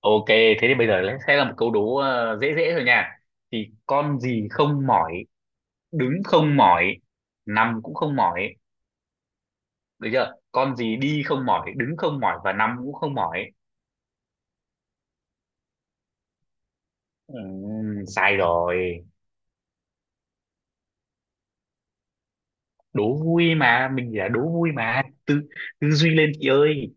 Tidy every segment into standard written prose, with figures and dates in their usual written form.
Ok, thế thì bây giờ sẽ là một câu đố dễ dễ thôi nha. Thì con gì không mỏi, đứng không mỏi, nằm cũng không mỏi, được chưa? Con gì đi không mỏi, đứng không mỏi và nằm cũng không mỏi. Sai rồi. Đố vui mà, mình chỉ là đố vui mà. Tư tư duy lên chị ơi.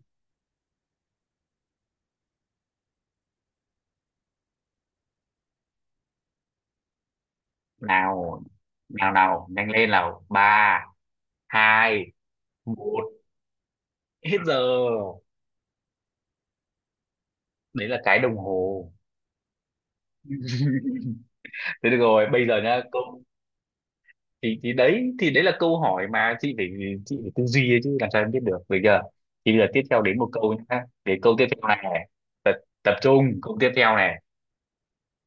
Nào, nào nào, nhanh lên nào. Ba, hai, một, hết giờ. Đấy là cái đồng hồ. Thế được rồi, bây giờ nhá, câu thì đấy là câu hỏi mà chị phải tư duy ấy chứ, làm sao em biết được bây giờ. Thì bây giờ tiếp theo đến một câu nhá, để câu tiếp theo này này tập, tập trung câu tiếp theo này.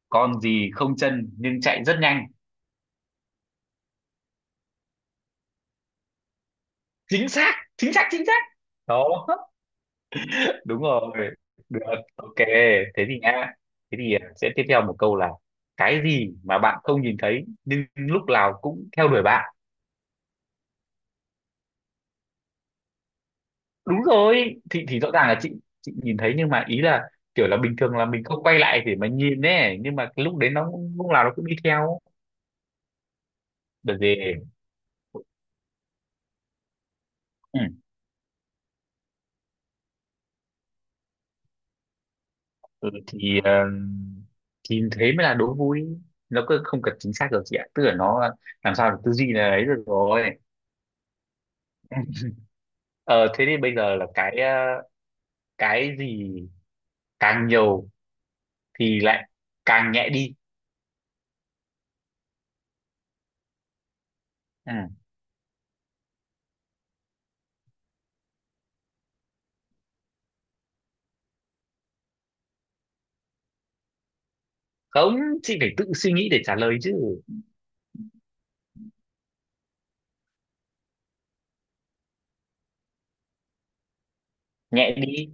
Con gì không chân nhưng chạy rất nhanh? Chính xác, chính xác, chính xác. Đó, đúng rồi, được, ok. Thế thì nha, sẽ tiếp theo một câu là: cái gì mà bạn không nhìn thấy nhưng lúc nào cũng theo đuổi bạn? Đúng rồi, thì rõ ràng là chị nhìn thấy, nhưng mà ý là kiểu là bình thường là mình không quay lại để mà nhìn ấy, nhưng mà cái lúc đấy nó lúc nào nó cũng đi theo. Đợt về. Ừ. Ừ, thì thế mới là đố vui. Nó cứ không cần chính xác được chị ạ, tức là nó làm sao được tư duy là ấy được rồi. Ờ thế thì bây giờ là cái gì càng nhiều thì lại càng nhẹ đi? Ừ. Không, chị phải tự suy nghĩ để trả lời chứ. Nhẹ đi.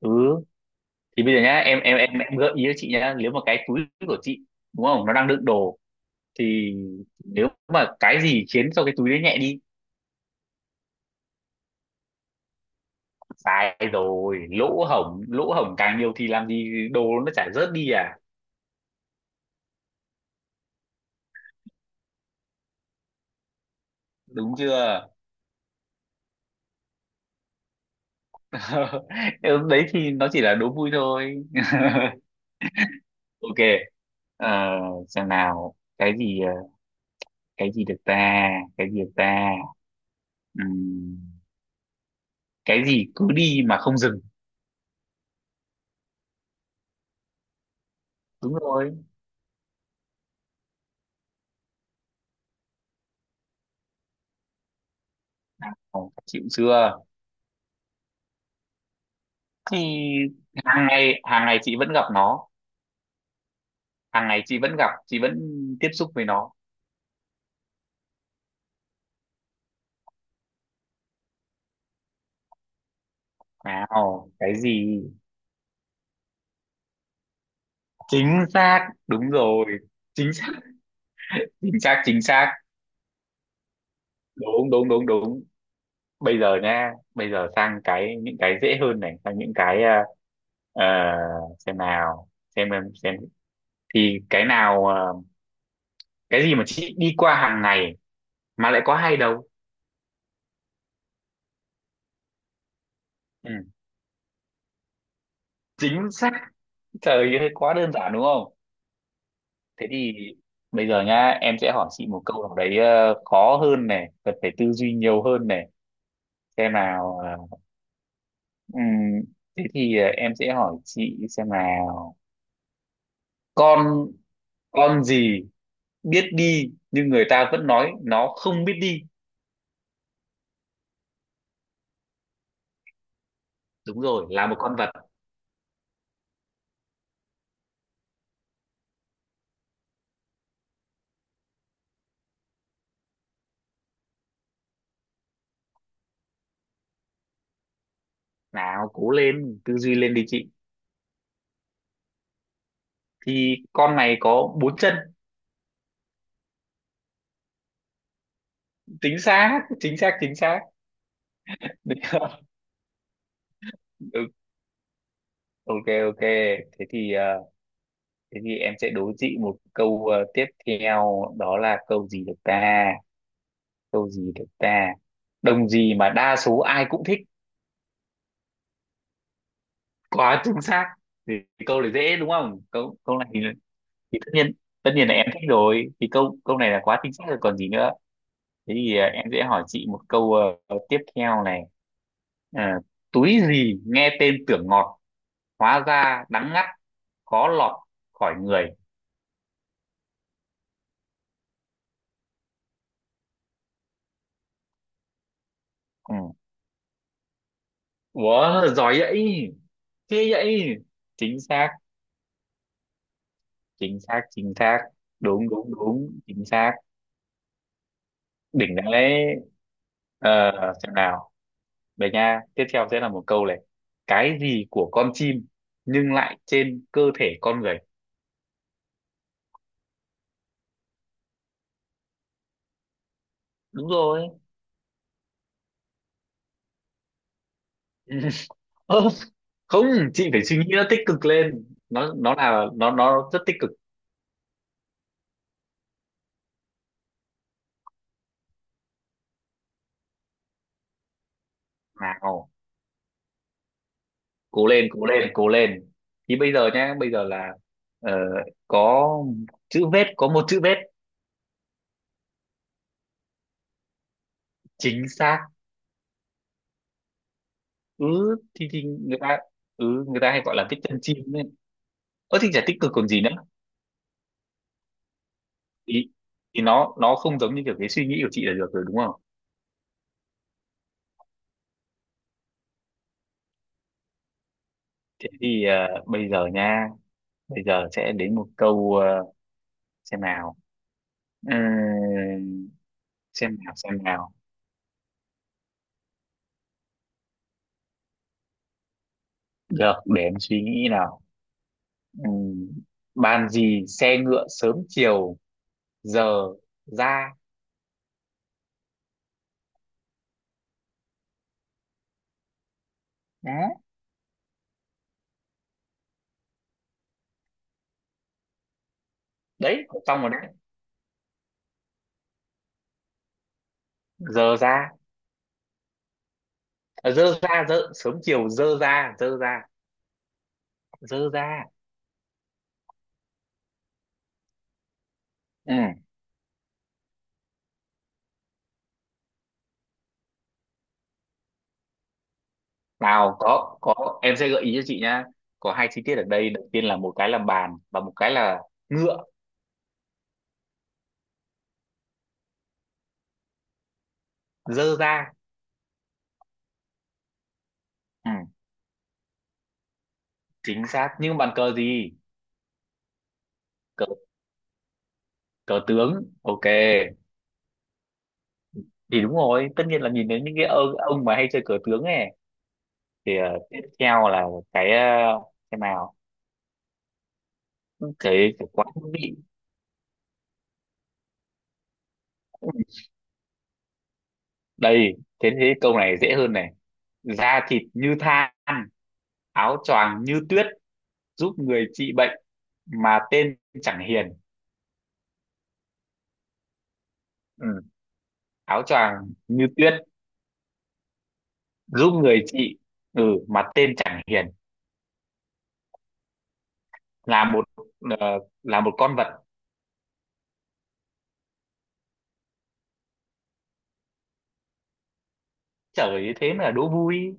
Ừ, thì bây giờ nhá, em gợi ý cho chị nhá. Nếu mà cái túi của chị, đúng không, nó đang đựng đồ, thì nếu mà cái gì khiến cho cái túi đấy nhẹ đi? Sai rồi, lỗ hổng, lỗ hổng càng nhiều thì làm gì đồ nó chả rớt đi à. Đúng chưa? Em, đấy thì nó chỉ là đố vui thôi. Ok. Ờ, xem nào, cái gì được ta? Cái gì được ta? Ừm, cái gì cứ đi mà không dừng? Đúng rồi. Ồ, chịu chưa? Thì hàng ngày, hàng ngày chị vẫn gặp nó, hàng ngày chị vẫn tiếp xúc với nó. Nào, cái gì? Chính xác, đúng rồi, chính xác, chính xác, chính xác. Đúng, đúng, đúng, đúng. Bây giờ nha, bây giờ sang những cái dễ hơn này, sang những ờ, xem nào xem em xem, thì cái nào, cái gì mà chị đi qua hàng ngày mà lại có hai đầu? Ừ. Chính xác. Trời ơi, quá đơn giản đúng không? Thế thì bây giờ nhá, em sẽ hỏi chị một câu nào đấy khó hơn này, cần phải tư duy nhiều hơn này. Xem nào ờ, ừm, thế thì ờ, em sẽ hỏi chị, xem nào: con con gì biết đi nhưng người ta vẫn nói nó không biết đi? Đúng rồi, là một con vật. Nào cố lên, tư duy lên đi chị. Thì con này có bốn chân. Chính xác, chính xác, chính xác. Được. Ừ, ok, ok. Thế thì ờ, Thế thì em sẽ đố chị một câu tiếp theo, đó là câu gì được ta? Câu gì được ta? Đồng gì mà đa số ai cũng thích? Quá chính xác. Thì câu này dễ đúng không? Câu câu này thì tất nhiên là em thích rồi. Thì câu câu này là quá chính xác rồi còn gì nữa. Thế thì em sẽ hỏi chị một câu tiếp theo này. À, túi gì nghe tên tưởng ngọt, hóa ra đắng ngắt, khó lọt khỏi người? Ừ. Wow, giỏi vậy. Thế vậy. Chính xác, chính xác, chính xác, đúng, đúng, đúng, chính xác, đỉnh, đáng lẽ. ờ, xem nào. Về nha, tiếp theo sẽ là một câu này: cái gì của con chim nhưng lại trên cơ thể con người? Đúng rồi. Ơ, không, chị phải suy nghĩ nó tích cực lên. Nó là, nó rất tích cực. Nào, cố lên, cố lên, cố lên. Thì bây giờ nhá, bây giờ là ờ, có có một chữ vết. Chính xác. Ừ, thì người ta, ừ, người ta hay gọi là thích chân chim đấy. Ơ thì chả tích cực còn gì nữa. Thì thì nó không giống như kiểu cái suy nghĩ của chị là, được rồi đúng không? Thế thì bây giờ nha, bây giờ sẽ đến một câu, xem nào. Ừm, xem nào, xem nào, được, để em suy nghĩ nào. Ừm, bàn gì xe ngựa, sớm chiều giờ ra? Đấy. Đấy xong rồi đấy. Giờ ra. À, dơ ra, dơ sớm chiều, dơ ra, dơ ra, dơ ra. Ừ. Nào, có em sẽ gợi ý cho chị nhá. Có hai chi tiết ở đây: đầu tiên là một cái là bàn và một cái là ngựa. Dơ ra. Ừ, chính xác, nhưng bàn cờ gì? Cờ cờ tướng ok. Thì đúng rồi, tất nhiên là nhìn đến những cái ông mà hay chơi cờ tướng ấy. Thì tiếp theo là cái cái nào, cái quán vị. Đây, thế thế câu này dễ hơn này: da thịt như than, áo choàng như tuyết, giúp người trị bệnh, mà tên chẳng hiền. Ừ, áo choàng như tuyết. Giúp người chị. Ừ. Mà tên chẳng hiền. Là một, ờ, là một con vật. Trời ơi, thế mà đố vui.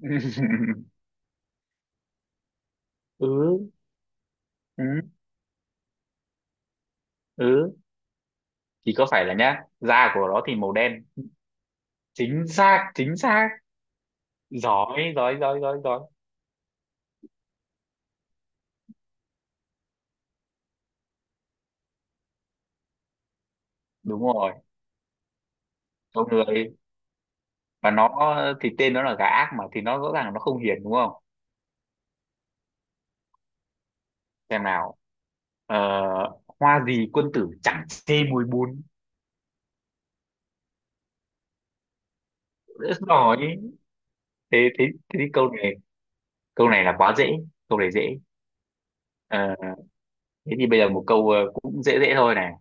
Ừ, ừ, ừ, thì có phải là nhá, da của nó thì màu đen. Chính xác, chính xác, giỏi, giỏi, giỏi, giỏi, giỏi. Đúng rồi, con người. Và nó, thì tên nó là gà ác mà, thì nó rõ ràng là nó không hiền đúng không? Xem nào. Ờ, hoa gì quân tử chẳng chê mùi bùn? Rất giỏi. Thế thế thế thì câu này là quá dễ. Câu này dễ. Ờ, thế thì bây giờ một câu cũng dễ dễ thôi này: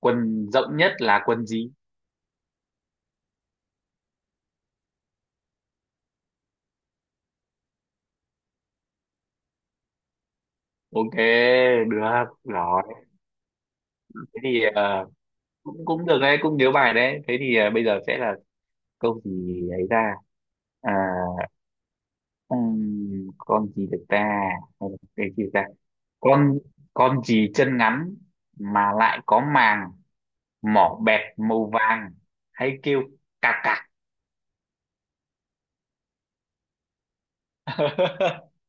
quân rộng nhất là quân gì? Ok, được rồi. Thế thì cũng cũng được đấy, cũng nhớ bài đấy. Thế thì bây giờ sẽ là câu gì ấy ra, à, con gì được ta? Hay là cái gì được ta? Con con gì chân ngắn mà lại có màng, mỏ bẹt màu vàng, hay kêu cạc cạc?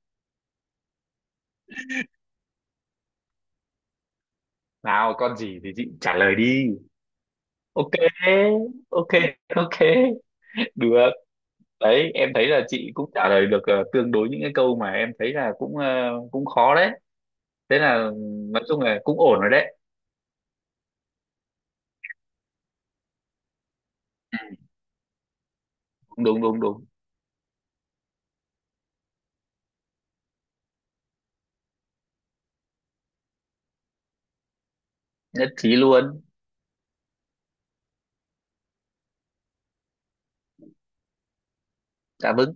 Nào, con gì thì chị trả lời đi. Ok, ok, ok, được. Đấy em thấy là chị cũng trả lời được tương đối những cái câu mà em thấy là cũng cũng khó đấy. Thế là, nói chung là cũng ổn rồi đấy. Đúng, đúng, đúng. Nhất trí luôn. Cảm ơn.